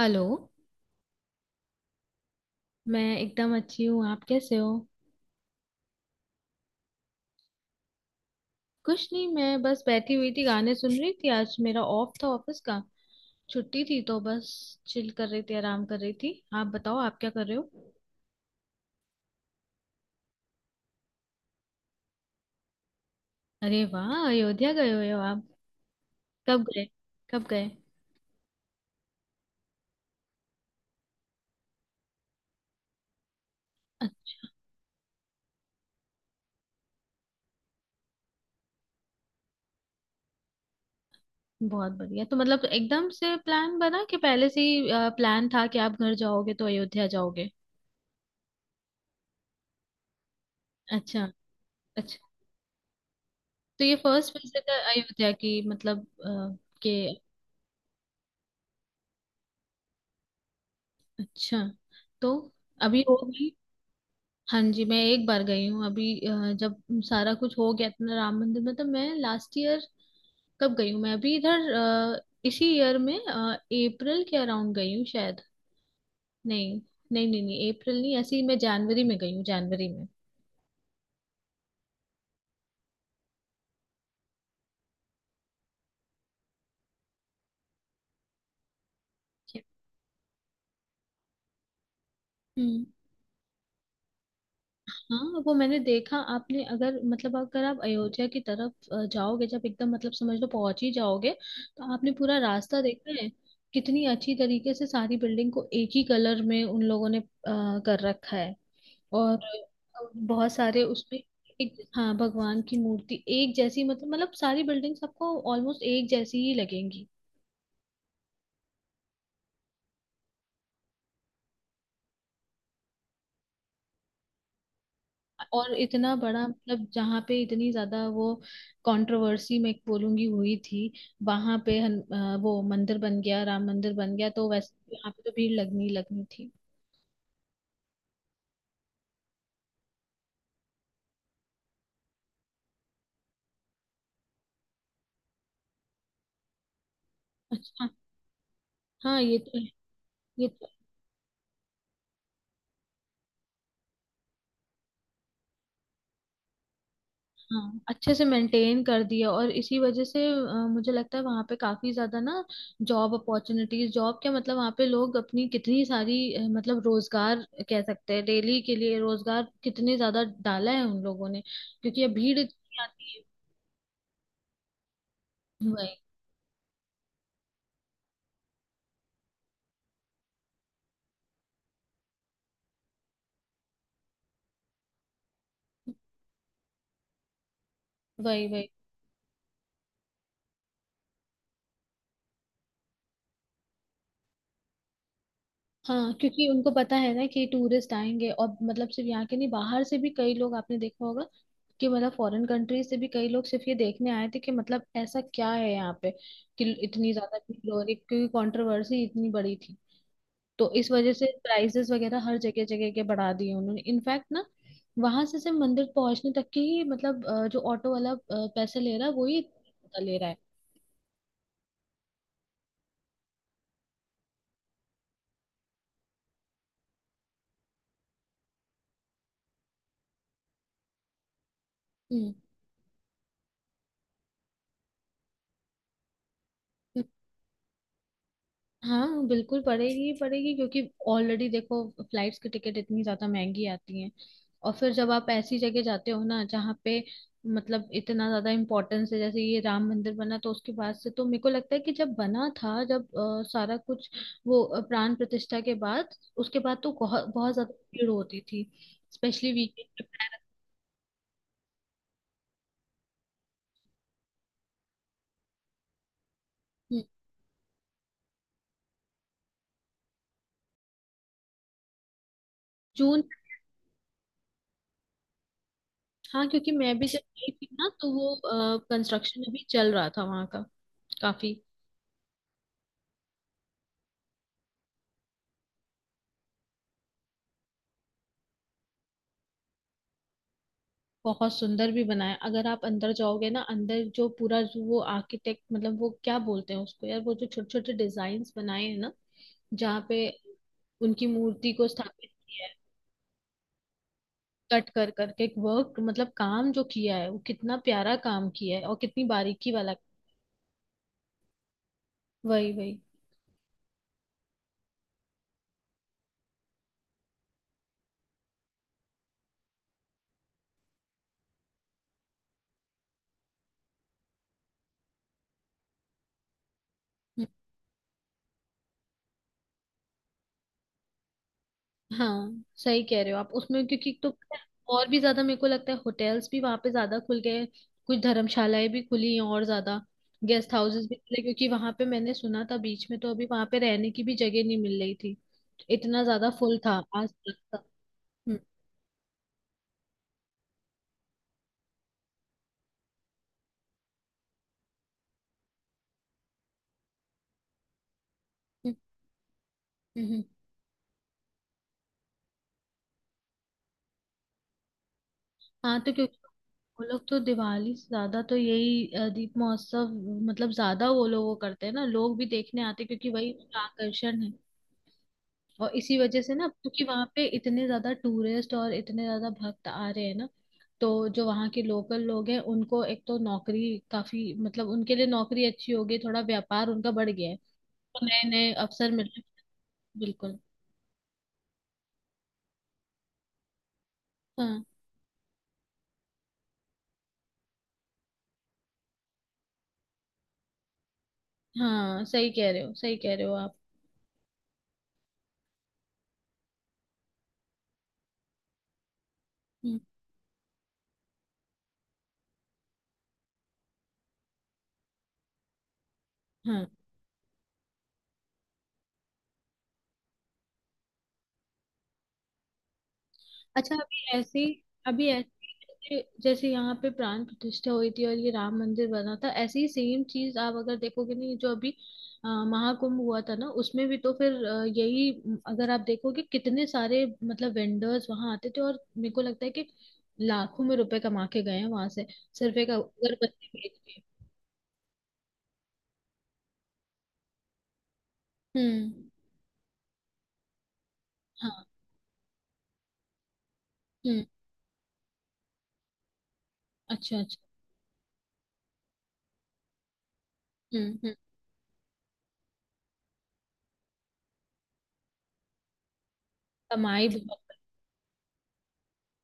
Hello. मैं एकदम अच्छी हूँ, आप कैसे हो? कुछ नहीं, मैं बस बैठी हुई थी, गाने सुन रही थी। आज मेरा ऑफ था ऑफिस का, छुट्टी थी तो बस चिल कर रही थी, आराम कर रही थी। आप बताओ, आप क्या कर रहे हो? अरे वाह! अयोध्या गए हुए हो आप? कब गए? कब गए? अच्छा। बहुत बढ़िया। तो मतलब एकदम से प्लान बना कि पहले से ही प्लान था कि आप घर जाओगे तो अयोध्या जाओगे? अच्छा। अच्छा। तो ये फर्स्ट विजिट है अयोध्या की मतलब? अ, के अच्छा, तो अभी हो गई? हाँ जी, मैं एक बार गई हूँ अभी जब सारा कुछ हो गया अपना राम मंदिर में, तो मैं लास्ट ईयर कब गई हूँ मैं अभी इधर इसी ईयर में अप्रैल के अराउंड गई हूँ शायद। नहीं। नहीं, नहीं, नहीं, अप्रैल नहीं, ऐसे ही मैं जनवरी में गई हूँ, जनवरी में। हम्म। हाँ, वो मैंने देखा। आपने अगर मतलब, अगर आप अयोध्या की तरफ जाओगे, जब एकदम मतलब समझ लो पहुंच ही जाओगे, तो आपने पूरा रास्ता देखा है। कितनी अच्छी तरीके से सारी बिल्डिंग को एक ही कलर में उन लोगों ने कर रखा है। और बहुत सारे उसमें एक, हाँ, भगवान की मूर्ति एक जैसी, मतलब सारी बिल्डिंग्स आपको ऑलमोस्ट एक जैसी ही लगेंगी। और इतना बड़ा मतलब जहाँ पे इतनी ज्यादा वो कंट्रोवर्सी, मैं बोलूंगी, हुई थी, वहां पे वो मंदिर बन गया, राम मंदिर बन गया, तो वैसे यहाँ पे तो भीड़ लगनी ही लगनी थी। हाँ, हाँ। ये तो हाँ, अच्छे से मेंटेन कर दिया। और इसी वजह से मुझे लगता है वहाँ पे काफी ज्यादा ना जॉब अपॉर्चुनिटीज, जॉब क्या मतलब, वहाँ पे लोग अपनी कितनी सारी मतलब रोजगार कह सकते हैं, डेली के लिए रोजगार कितने ज्यादा डाला है उन लोगों ने, क्योंकि अब भीड़ इतनी आती है। वही, वही, वही। हाँ, क्योंकि उनको पता है ना कि टूरिस्ट आएंगे, और मतलब सिर्फ यहाँ के नहीं, बाहर से भी कई लोग आपने देखा होगा कि मतलब फॉरेन कंट्रीज से भी कई लोग सिर्फ ये देखने आए थे कि मतलब ऐसा क्या है यहाँ पे कि इतनी ज्यादा भीड़ हो रही, क्योंकि कंट्रोवर्सी इतनी बड़ी थी। तो इस वजह से प्राइसेस वगैरह हर जगह जगह के बढ़ा दिए उन्होंने, इनफैक्ट ना वहां से सिर्फ मंदिर पहुंचने तक की ही मतलब जो ऑटो वाला पैसे ले रहा है वो ही ले रहा है। हम्म। हाँ, बिल्कुल पड़ेगी ही पड़ेगी, क्योंकि ऑलरेडी देखो फ्लाइट्स की टिकट इतनी ज्यादा महंगी आती हैं। और फिर जब आप ऐसी जगह जाते हो ना जहाँ पे मतलब इतना ज्यादा इम्पोर्टेंस है, जैसे ये राम मंदिर बना, तो उसके बाद से तो मेरे को लगता है कि जब बना था, जब सारा कुछ वो प्राण प्रतिष्ठा के बाद, उसके बाद तो बहुत बहुत ज्यादा भीड़ होती थी, स्पेशली वीकेंड पे। जून। हाँ, क्योंकि मैं भी जब गई थी ना तो वो कंस्ट्रक्शन अभी चल रहा था वहाँ का काफी। बहुत सुंदर भी बनाया। अगर आप अंदर जाओगे ना, अंदर जो पूरा, जो वो आर्किटेक्ट मतलब वो क्या बोलते हैं उसको यार, वो जो छोटे छोटे डिजाइन्स बनाए हैं ना, जहाँ पे उनकी मूर्ति को स्थापित किया है, कट कर करके वर्क मतलब काम जो किया है, वो कितना प्यारा काम किया है और कितनी बारीकी वाला। वही, वही। हाँ, सही कह रहे हो आप उसमें, क्योंकि तो पता है, और भी ज्यादा मेरे को लगता है होटल्स भी वहां पे ज्यादा खुल गए हैं। कुछ धर्मशालाएं भी खुली हैं, और ज्यादा गेस्ट हाउसेस भी खुले, क्योंकि वहां पे मैंने सुना था बीच में तो अभी वहां पे रहने की भी जगह नहीं मिल रही थी, इतना ज्यादा फुल था, आज तक का। हम्म। हम्म। हम्म। हम्म। हाँ, तो क्योंकि वो लोग तो दिवाली से ज्यादा तो यही दीप महोत्सव मतलब ज्यादा वो लोग वो करते हैं ना, लोग भी देखने आते हैं, क्योंकि वही उनका आकर्षण है। और इसी वजह से ना, क्योंकि वहां पे इतने ज्यादा टूरिस्ट और इतने ज्यादा भक्त आ रहे हैं ना, तो जो वहाँ के लोकल लोग हैं उनको एक तो नौकरी काफी मतलब, उनके लिए नौकरी अच्छी हो गई, थोड़ा व्यापार उनका बढ़ गया है, तो नए नए अवसर मिल रहे हैं। बिल्कुल। हाँ, हाँ, सही कह रहे हो, सही कह रहे हो आप। हम्म। हाँ। अच्छा, अभी ऐसी जैसे जैसे यहाँ पे प्राण प्रतिष्ठा हुई थी और ये राम मंदिर बना था, ऐसी ही सेम चीज आप अगर देखोगे, नहीं, जो अभी महाकुंभ हुआ था ना उसमें भी, तो फिर यही, अगर आप देखोगे, कितने सारे मतलब वेंडर्स वहां आते थे, और मेरे को लगता है कि लाखों में रुपए कमा के गए हैं वहां से, सिर्फ एक अगरबत्ती बेच के। हम्म। हाँ। हम्म। अच्छा, अच्छा। हम्म। हम्म। कमाई बहुत।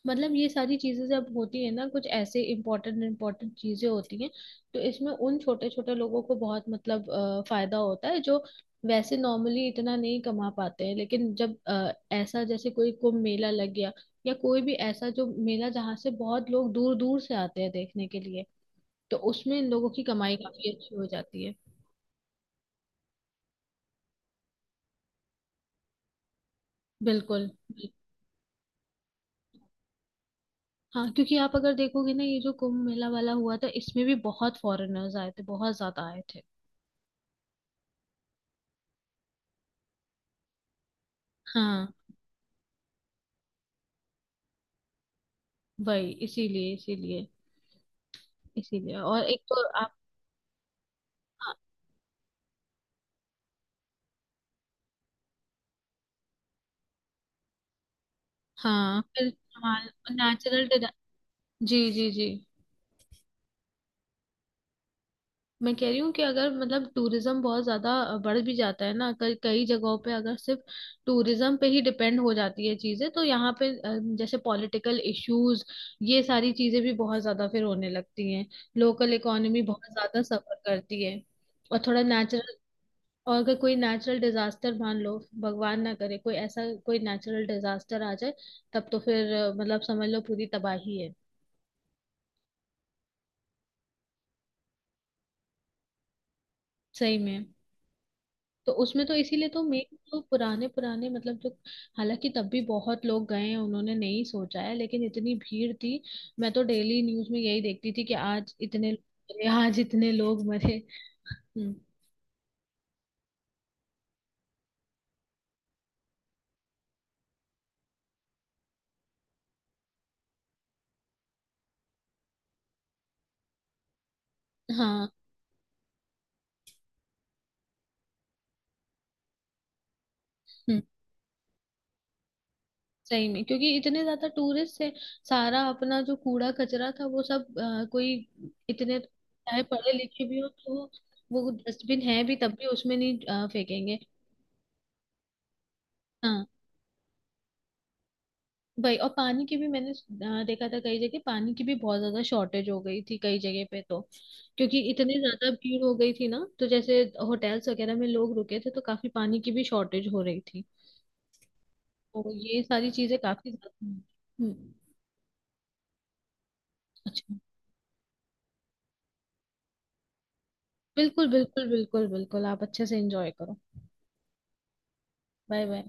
मतलब ये सारी चीजें जब होती है ना, कुछ ऐसे इम्पोर्टेंट इम्पोर्टेंट चीजें होती हैं, तो इसमें उन छोटे छोटे लोगों को बहुत मतलब फायदा होता है, जो वैसे नॉर्मली इतना नहीं कमा पाते हैं, लेकिन जब ऐसा जैसे कोई कुंभ मेला लग गया, या कोई भी ऐसा जो मेला जहाँ से बहुत लोग दूर दूर से आते हैं देखने के लिए, तो उसमें इन लोगों की कमाई काफी अच्छी हो जाती है। बिल्कुल। हाँ, क्योंकि आप अगर देखोगे ना, ये जो कुंभ मेला वाला हुआ था इसमें भी बहुत फॉरेनर्स आए थे, बहुत ज्यादा आए थे। हाँ। वही, इसीलिए, इसीलिए, इसीलिए, और एक तो आप हाँ, फिर हमारा नेचुरल जी, जी, जी। मैं कह रही हूँ कि अगर मतलब टूरिज्म बहुत ज्यादा बढ़ भी जाता है ना कई कई जगहों पे, अगर सिर्फ टूरिज्म पे ही डिपेंड हो जाती है चीजें, तो यहाँ पे जैसे पॉलिटिकल इश्यूज, ये सारी चीजें भी बहुत ज्यादा फिर होने लगती हैं। लोकल इकोनॉमी बहुत ज्यादा सफर करती है। और थोड़ा नेचुरल, और अगर कोई नेचुरल डिजास्टर, मान लो भगवान ना करे, कोई ऐसा कोई नेचुरल डिजास्टर आ जाए, तब तो फिर मतलब समझ लो पूरी तबाही है। सही में। तो उसमें तो इसीलिए तो मेन जो पुराने पुराने मतलब जो, हालांकि तब भी बहुत लोग गए हैं, उन्होंने नहीं सोचा है, लेकिन इतनी भीड़ थी। मैं तो डेली न्यूज में यही देखती थी कि आज इतने लोग मरे, आज इतने लोग मरे। हम्म। हाँ। हम्म। सही में, क्योंकि इतने ज्यादा टूरिस्ट थे, सारा अपना जो कूड़ा कचरा था वो सब कोई, इतने चाहे पढ़े लिखे भी हो, तो वो डस्टबिन है भी तब भी उसमें नहीं फेंकेंगे। हाँ, भाई। और पानी की भी मैंने देखा था, कई जगह पानी की भी बहुत ज्यादा शॉर्टेज हो गई थी कई जगह पे तो, क्योंकि इतने ज्यादा भीड़ हो गई थी ना, तो जैसे होटल्स वगैरह में लोग रुके थे, तो काफी पानी की भी शॉर्टेज हो रही थी। तो ये सारी चीजें काफी ज्यादा। हम्म। अच्छा। बिल्कुल, बिल्कुल, बिल्कुल, बिल्कुल, आप अच्छे से एंजॉय करो। Bye, bye.